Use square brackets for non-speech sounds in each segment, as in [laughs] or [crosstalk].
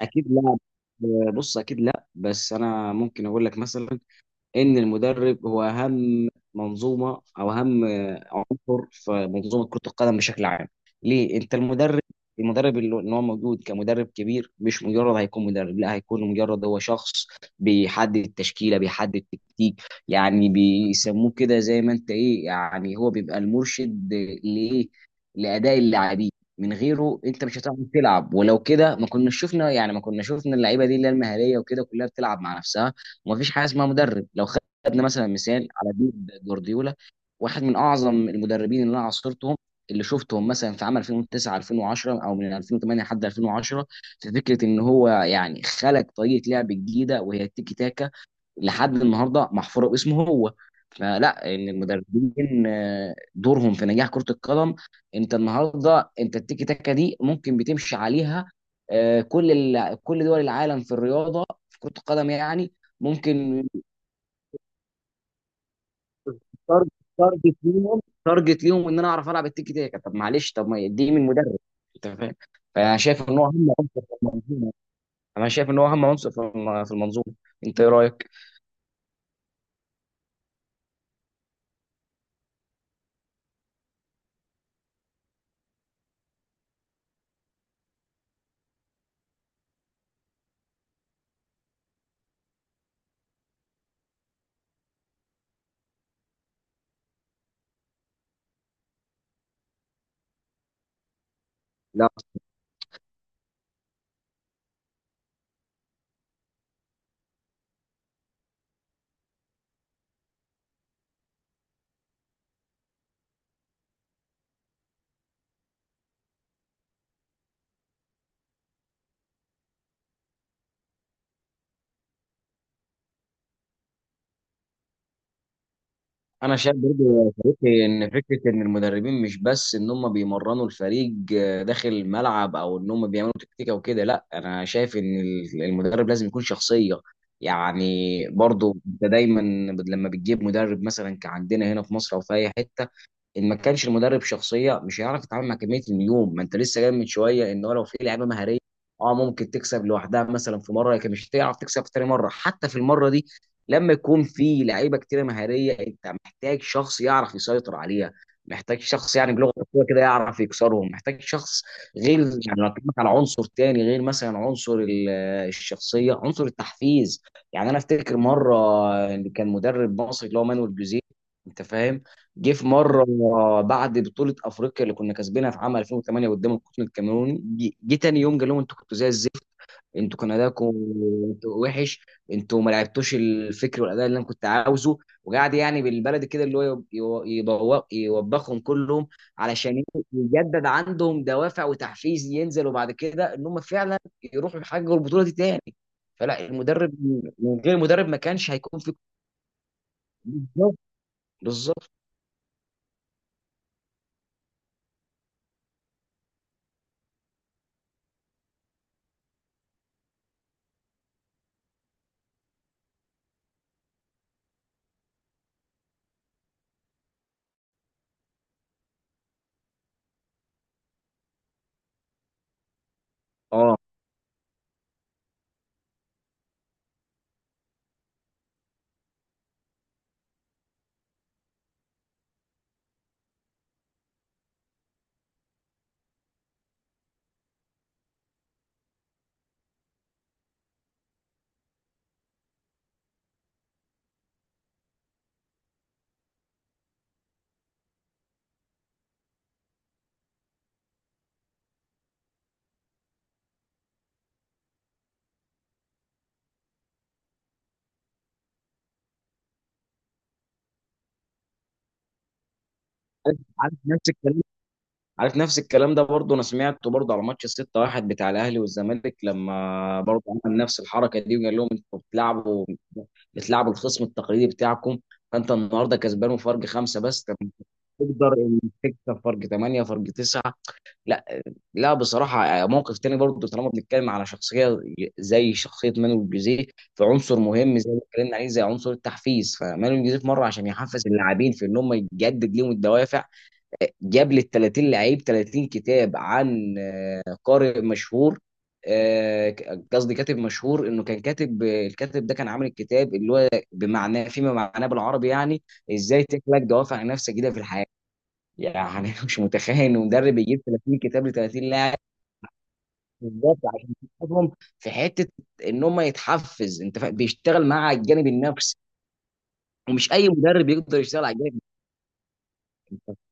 اكيد لا. بص، اكيد لا، بس انا ممكن اقول لك مثلا ان المدرب هو اهم منظومه، او اهم دكتور في منظومه كره القدم بشكل عام. ليه؟ انت المدرب. المدرب اللي هو موجود كمدرب كبير، مش مجرد هيكون مدرب، لا هيكون مجرد هو شخص بيحدد التشكيله، بيحدد التكتيك. يعني بيسموه كده زي ما انت ايه، يعني هو بيبقى المرشد لايه؟ لاداء اللاعبين. من غيره انت مش هتعرف تلعب، ولو كده ما كنا شفنا، يعني ما كنا شفنا اللعيبه دي اللي هي المهاريه وكده كلها بتلعب مع نفسها، ومفيش حاجه اسمها مدرب. لو خدنا مثلا مثال على بيب جوارديولا، واحد من اعظم المدربين اللي انا عاصرتهم، اللي شفتهم مثلا في عام 2009 2010، او من 2008 لحد 2010، في فكره ان هو يعني خلق طريقه لعب جديده وهي التيكي تاكا، لحد النهارده محفوره باسمه هو. فلا، ان المدربين دورهم في نجاح كره القدم. انت النهارده انت التيكي تاكا دي ممكن بتمشي عليها، كل كل دول العالم في الرياضه في كره القدم يعني. ممكن تارجت تارجت ليهم تارجت ليهم ان انا اعرف العب التيكي تاكا. طب معلش، طب ما دي من مدرب، انت فاهم. فانا شايف ان هو اهم عنصر في المنظومه، انا شايف ان هو اهم عنصر في في المنظومه. انت ايه رايك؟ لا، انا شايف برضه يا صديقي ان فكره ان المدربين مش بس ان هم بيمرنوا الفريق داخل الملعب، او ان هم بيعملوا تكتيكه وكده. لا، انا شايف ان المدرب لازم يكون شخصيه. يعني برضه انت دايما لما بتجيب مدرب مثلا كعندنا هنا في مصر او في اي حته، ان ما كانش المدرب شخصيه مش هيعرف يتعامل مع كميه النجوم. ما انت لسه جاي من شويه ان هو لو في لعيبه مهاريه، اه ممكن تكسب لوحدها مثلا في مره، لكن مش هتعرف تكسب في تاني مره، حتى في المره دي لما يكون في لعيبه كتيره مهاريه انت محتاج شخص يعرف يسيطر عليها، محتاج شخص، يعني بلغه الكوره كده يعرف يكسرهم، محتاج شخص غير. يعني لو اتكلمت على عنصر تاني، غير مثلا عنصر الشخصيه، عنصر التحفيز. يعني انا افتكر مره، اللي كان مدرب مصري اللي هو مانويل جوزيه، انت فاهم. جه في مره بعد بطوله افريقيا اللي كنا كاسبينها في عام 2008 قدام القطن الكاميروني، جه تاني يوم قال لهم انتوا كنتوا زي الزفت، انتوا كان اداؤكم وحش، انتوا ما لعبتوش الفكر والاداء اللي انا كنت عاوزه. وقعد يعني بالبلدي كده اللي هو يوبخهم كلهم، علشان يجدد عندهم دوافع وتحفيز ينزلوا بعد كده ان هم فعلا يروحوا يحققوا البطوله دي تاني. فلا المدرب، من غير المدرب ما كانش هيكون في. بالظبط، بالظبط. اه. عارف نفس الكلام، ده برضه انا سمعته برضه على ماتش 6-1 بتاع الاهلي والزمالك، لما برضه عمل نفس الحركه دي وقال لهم انتوا بتلعبوا الخصم التقليدي بتاعكم. فانت النهارده كسبان وفرق خمسه بس، طب أنت تقدر إن تكسب فرق ثمانيه، فرق تسعه. لا، لا، بصراحه موقف تاني برضه. طالما بنتكلم على شخصيه زي شخصيه مانويل جوزيه، فعنصر مهم زي ما اتكلمنا عليه زي عنصر التحفيز، فمانويل جوزيه في مره عشان يحفز اللاعبين في ان هم يجدد لهم الدوافع، جاب لي ال 30 لعيب 30 كتاب عن قارئ مشهور، آه، قصدي كاتب مشهور. انه كان كاتب، الكاتب ده كان عامل الكتاب اللي هو بمعناه، فيما معناه بالعربي، يعني ازاي تخلق دوافع نفسك جديده في الحياه. يعني [laughs] أنا مش متخيل ان مدرب يجيب 30 كتاب ل 30 لاعب. بالظبط، عشان يساعدهم في حته ان هم يتحفز. انت بيشتغل مع الجانب النفسي، ومش اي مدرب يقدر يشتغل على الجانب النفسي.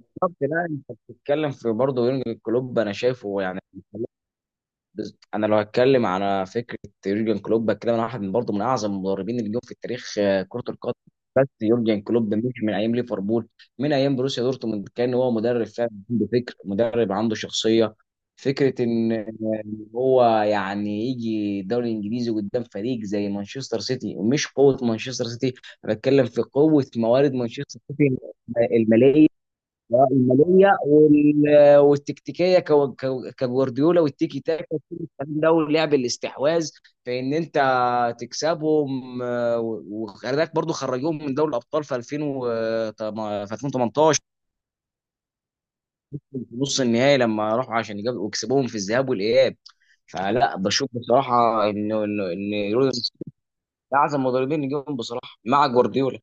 بالظبط. لا، انت بتتكلم في برضه يورجن كلوب، انا شايفه يعني. انا لو هتكلم على فكره يورجن كلوب كده، انا واحد من برضه من اعظم المدربين اللي جم في التاريخ، كره القدم. بس يورجن كلوب مش من ايام ليفربول، من ايام بروسيا دورتموند كان هو مدرب فعلا عنده فكر، مدرب عنده شخصيه. فكره ان هو يعني يجي الدوري الانجليزي قدام فريق زي مانشستر سيتي، ومش قوه مانشستر سيتي، أنا بتكلم في قوه موارد مانشستر سيتي الماليه. والتكتيكيه كجوارديولا والتيكي تاكا، كل الكلام ده ولعب الاستحواذ، في ان انت تكسبهم. وخلي بالك برضه خرجوهم من دوري الابطال في 2000 و في 2018 في نص النهائي، لما راحوا عشان يجابوا وكسبوهم في الذهاب والاياب. فلا بشوف بصراحه انه انه ان رودريجز ده اعظم مدربين نجيبهم بصراحه مع جوارديولا.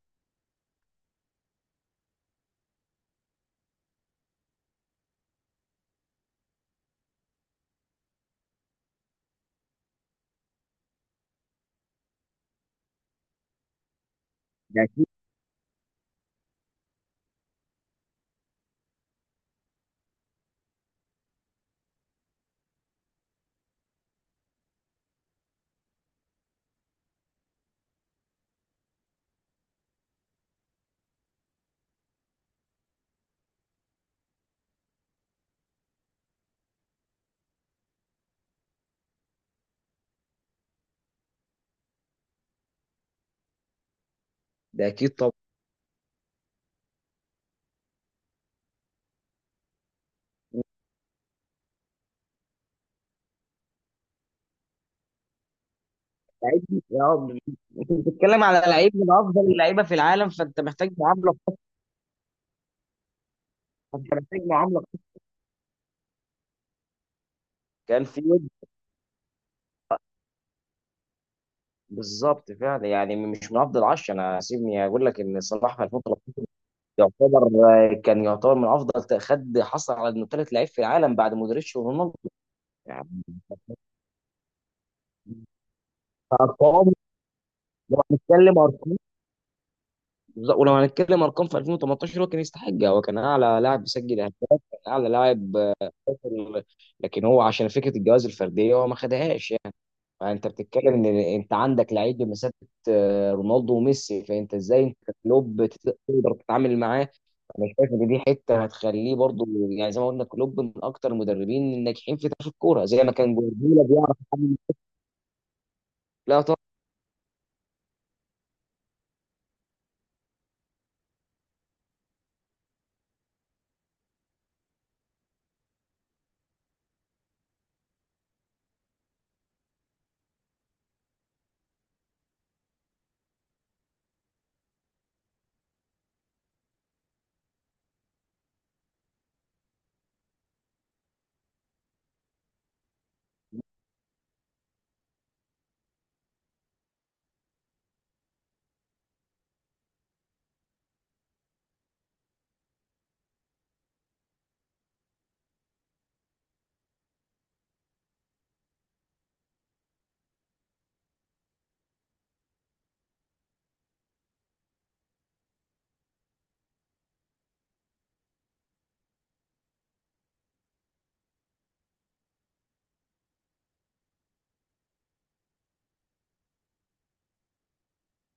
ده اكيد. ده اكيد طبعا. لعيب. اه. انت بتتكلم على لعيب من افضل اللعيبه في العالم، فانت محتاج معامله خاصة. انت محتاج معامله خاصة. كان في ود. بالظبط فعلا يعني، مش من افضل 10، انا سيبني اقول لك ان صلاح في 2013 يعتبر آه، كان يعتبر من افضل خد، حصل على انه ثالث لعيب في العالم بعد مودريتش ورونالدو. يعني ارقام، لو هنتكلم ارقام ولو هنتكلم ارقام في 2018 هو كان يستحقها، هو كان اعلى لاعب بيسجل اهداف، كان اعلى لاعب آه، لكن هو عشان فكره الجوائز الفرديه هو ما خدهاش. انت بتتكلم ان انت عندك لعيب بمثابه رونالدو وميسي، فانت ازاي انت كلوب تقدر تتعامل معاه. انا شايف ان دي حته هتخليه برضو، يعني زي ما قلنا كلوب من اكتر المدربين الناجحين في تاريخ الكوره زي ما كان جوارديولا بيعرف يتعامل. لا طبعا.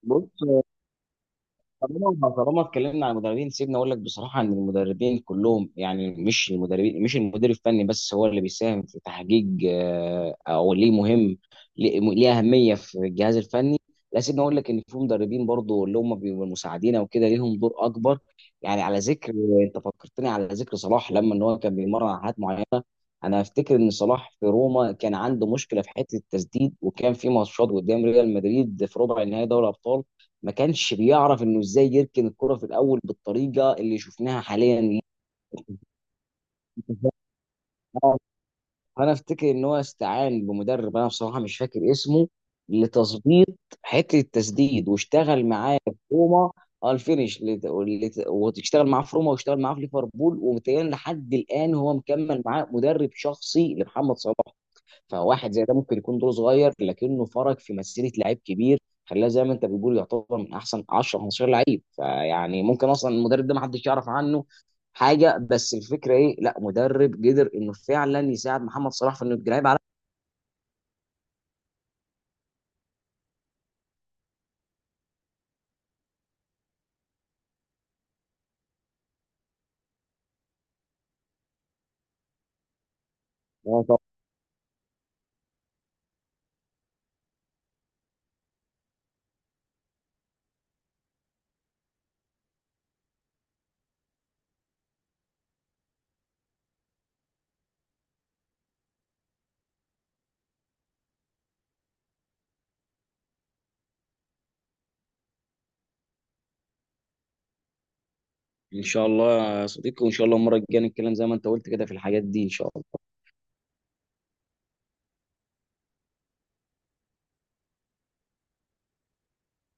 بص، طالما اتكلمنا عن المدربين سيبني اقول لك بصراحه ان المدربين كلهم، يعني مش المدربين، مش المدير الفني بس هو اللي بيساهم في تحقيق، او ليه مهم، ليه اهميه في الجهاز الفني. لا، سيبني اقول لك ان في مدربين برضو اللي هم بيبقوا مساعدين او كده ليهم دور اكبر. يعني على ذكر انت فكرتني على ذكر صلاح، لما ان هو كان بيمرن على حاجات معينه. انا افتكر ان صلاح في روما كان عنده مشكله في حته التسديد، وكان في ماتشات قدام ريال مدريد في ربع النهائي دوري الابطال، ما كانش بيعرف انه ازاي يركن الكره في الاول بالطريقه اللي شفناها حاليا. [laughs] آه، انا افتكر ان هو استعان بمدرب، انا بصراحه مش فاكر اسمه، لتظبيط حته التسديد واشتغل معاه في روما. الفينش، وتشتغل معاه في روما واشتغل معاه في ليفربول. ومتهيألي لحد الان هو مكمل معاه مدرب شخصي لمحمد صلاح. فواحد زي ده ممكن يكون دور صغير لكنه فرق في مسيره لعيب كبير، خلاه زي ما انت بتقول يعتبر من احسن 10 15 لعيب، فيعني ممكن اصلا المدرب ده ما حدش يعرف عنه حاجه، بس الفكره ايه؟ لا، مدرب قدر انه فعلا يساعد محمد صلاح في انه يبقى لعيب على. ان شاء الله يا صديقي، وان شاء الله المره الجايه نتكلم زي ما انت قلت كده في الحاجات دي ان شاء الله.